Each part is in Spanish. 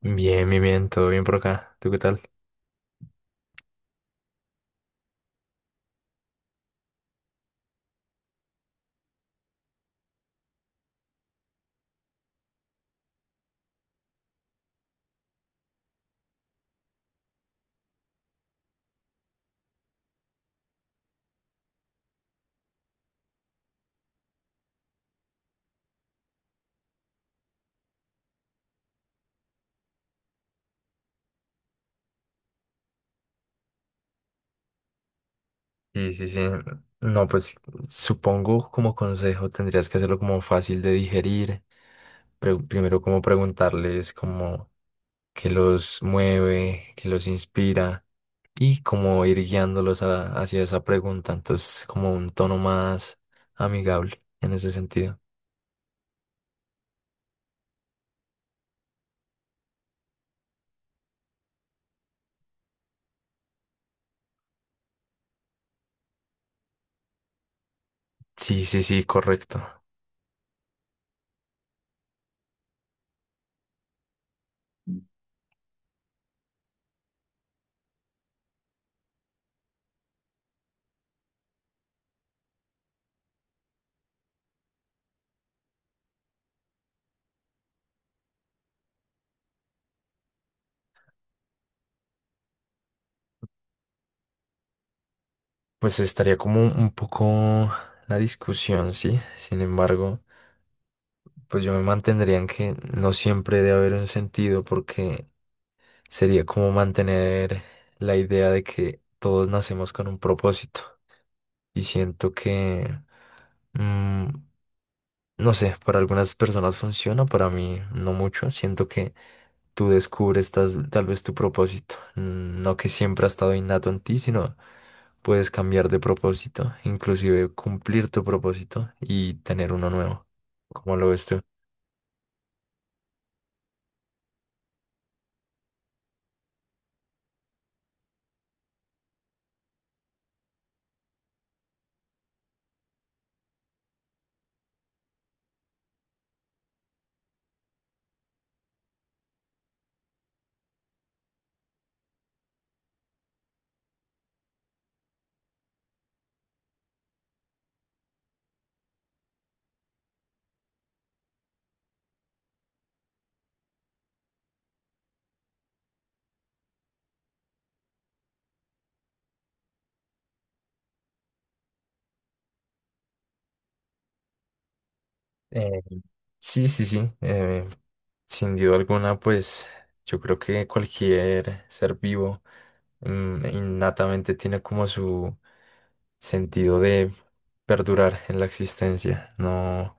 Bien, bien, bien, todo bien por acá. ¿Tú qué tal? Sí, sí, sí. No, pues supongo como consejo tendrías que hacerlo como fácil de digerir. Primero como preguntarles como qué los mueve, qué los inspira y como ir guiándolos hacia esa pregunta. Entonces como un tono más amigable en ese sentido. Sí, sí, sí, correcto. Pues estaría como un poco la discusión, sí. Sin embargo, pues yo me mantendría en que no siempre debe haber un sentido porque sería como mantener la idea de que todos nacemos con un propósito y siento que, mm, no sé, para algunas personas funciona, para mí no mucho, siento que tú descubres tal vez tu propósito, no que siempre ha estado innato en ti, sino puedes cambiar de propósito, inclusive cumplir tu propósito y tener uno nuevo. ¿Cómo lo ves tú? Eh, sí, sí, sí. Sin duda alguna, pues yo creo que cualquier ser vivo innatamente tiene como su sentido de perdurar en la existencia. No,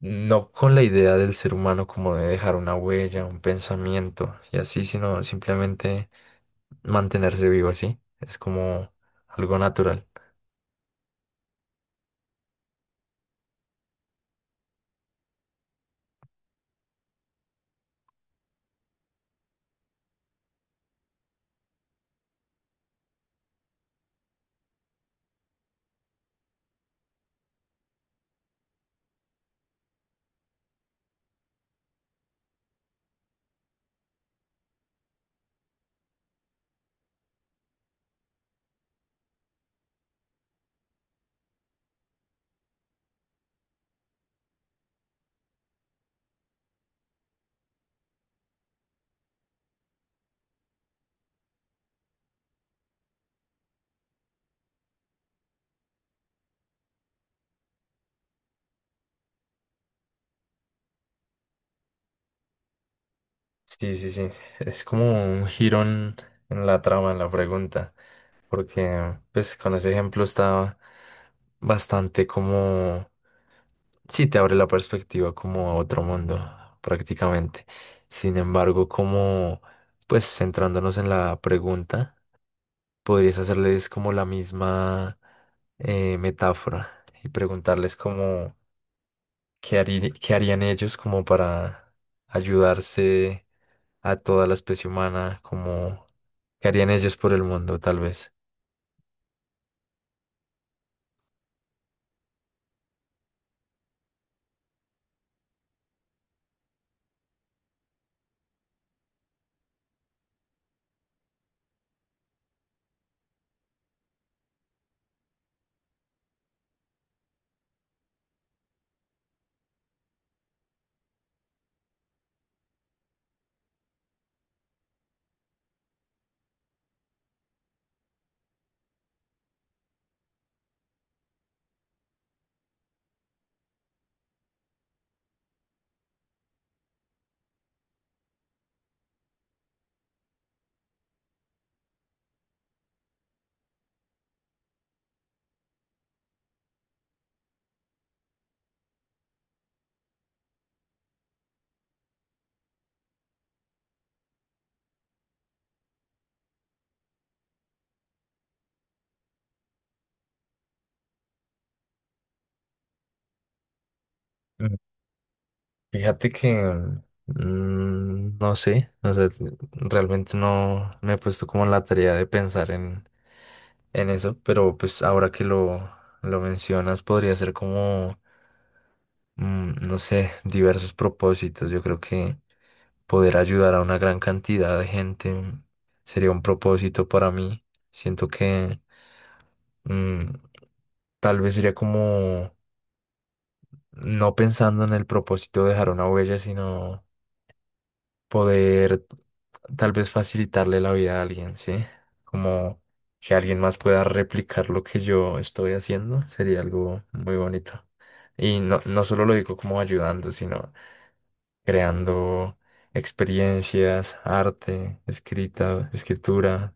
no con la idea del ser humano como de dejar una huella, un pensamiento y así, sino simplemente mantenerse vivo así. Es como algo natural. Sí, sí, sí. Es como un girón en la trama, en la pregunta. Porque, pues, con ese ejemplo está bastante como... Sí, te abre la perspectiva como a otro mundo, prácticamente. Sin embargo, como, pues, centrándonos en la pregunta, podrías hacerles como la misma metáfora y preguntarles como qué harían ellos como para ayudarse a toda la especie humana, como qué harían ellos por el mundo, tal vez. Mm. Fíjate que no sé, o sea, realmente no me he puesto como la tarea de pensar en eso, pero pues ahora que lo mencionas, podría ser como, no sé, diversos propósitos. Yo creo que poder ayudar a una gran cantidad de gente sería un propósito para mí. Siento que... mm, tal vez sería como no pensando en el propósito de dejar una huella, sino poder tal vez facilitarle la vida a alguien, ¿sí? Como que alguien más pueda replicar lo que yo estoy haciendo, sería algo muy bonito. Y no, no solo lo digo como ayudando, sino creando experiencias, arte, escrita, escritura,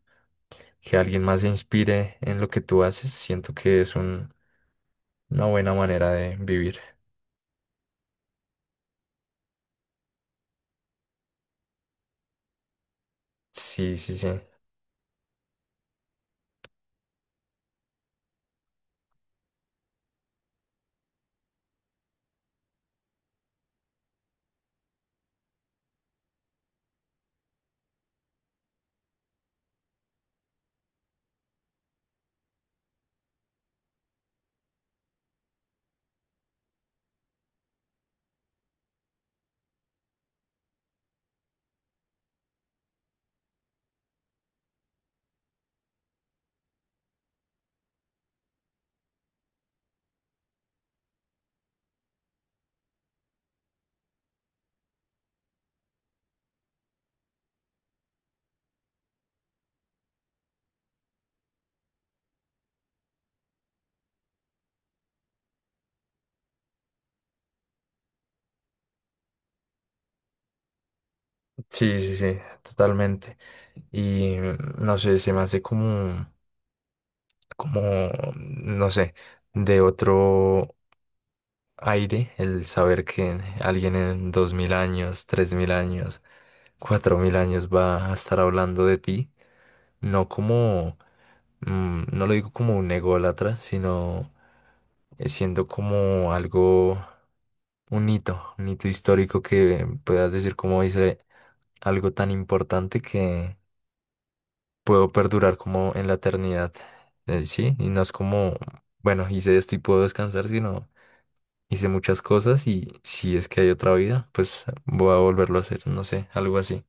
que alguien más se inspire en lo que tú haces, siento que una buena manera de vivir. Sí, sí, sí. Sí, sí, sí, totalmente. Y no sé, se me hace como, como, no sé, de otro aire el saber que alguien en 2.000 años, 3.000 años, 4.000 años va a estar hablando de ti. No como, no lo digo como un ególatra, sino siendo como algo, un hito histórico que puedas decir como dice algo tan importante que puedo perdurar como en la eternidad, ¿sí? Y no es como, bueno, hice esto y puedo descansar, sino hice muchas cosas y si es que hay otra vida, pues voy a volverlo a hacer, no sé, algo así.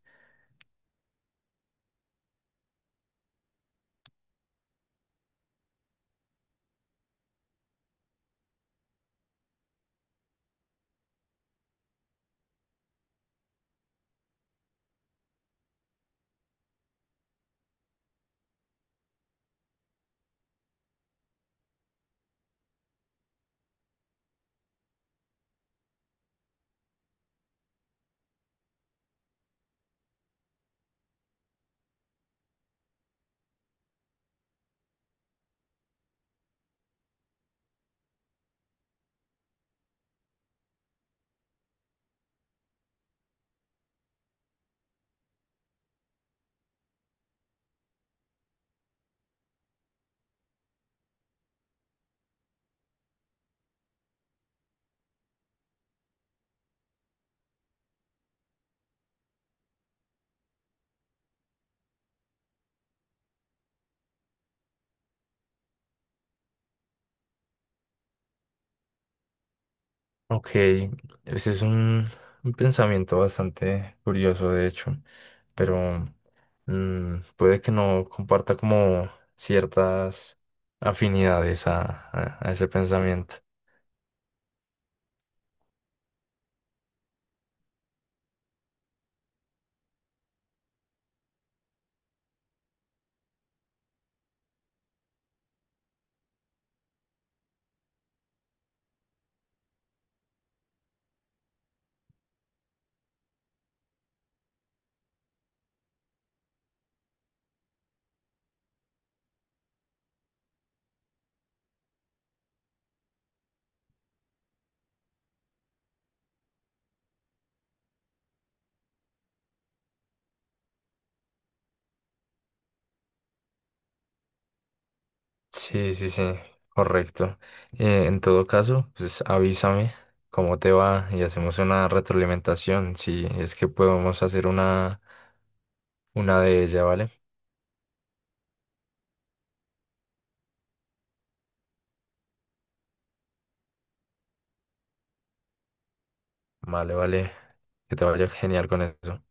Ok, ese es un pensamiento bastante curioso, de hecho, pero puede que no comparta como ciertas afinidades a, a ese pensamiento. Sí, sí, sí, correcto. En todo caso, pues avísame cómo te va y hacemos una retroalimentación, si es que podemos hacer una de ella, ¿vale? Vale, vale, que te vaya genial con eso.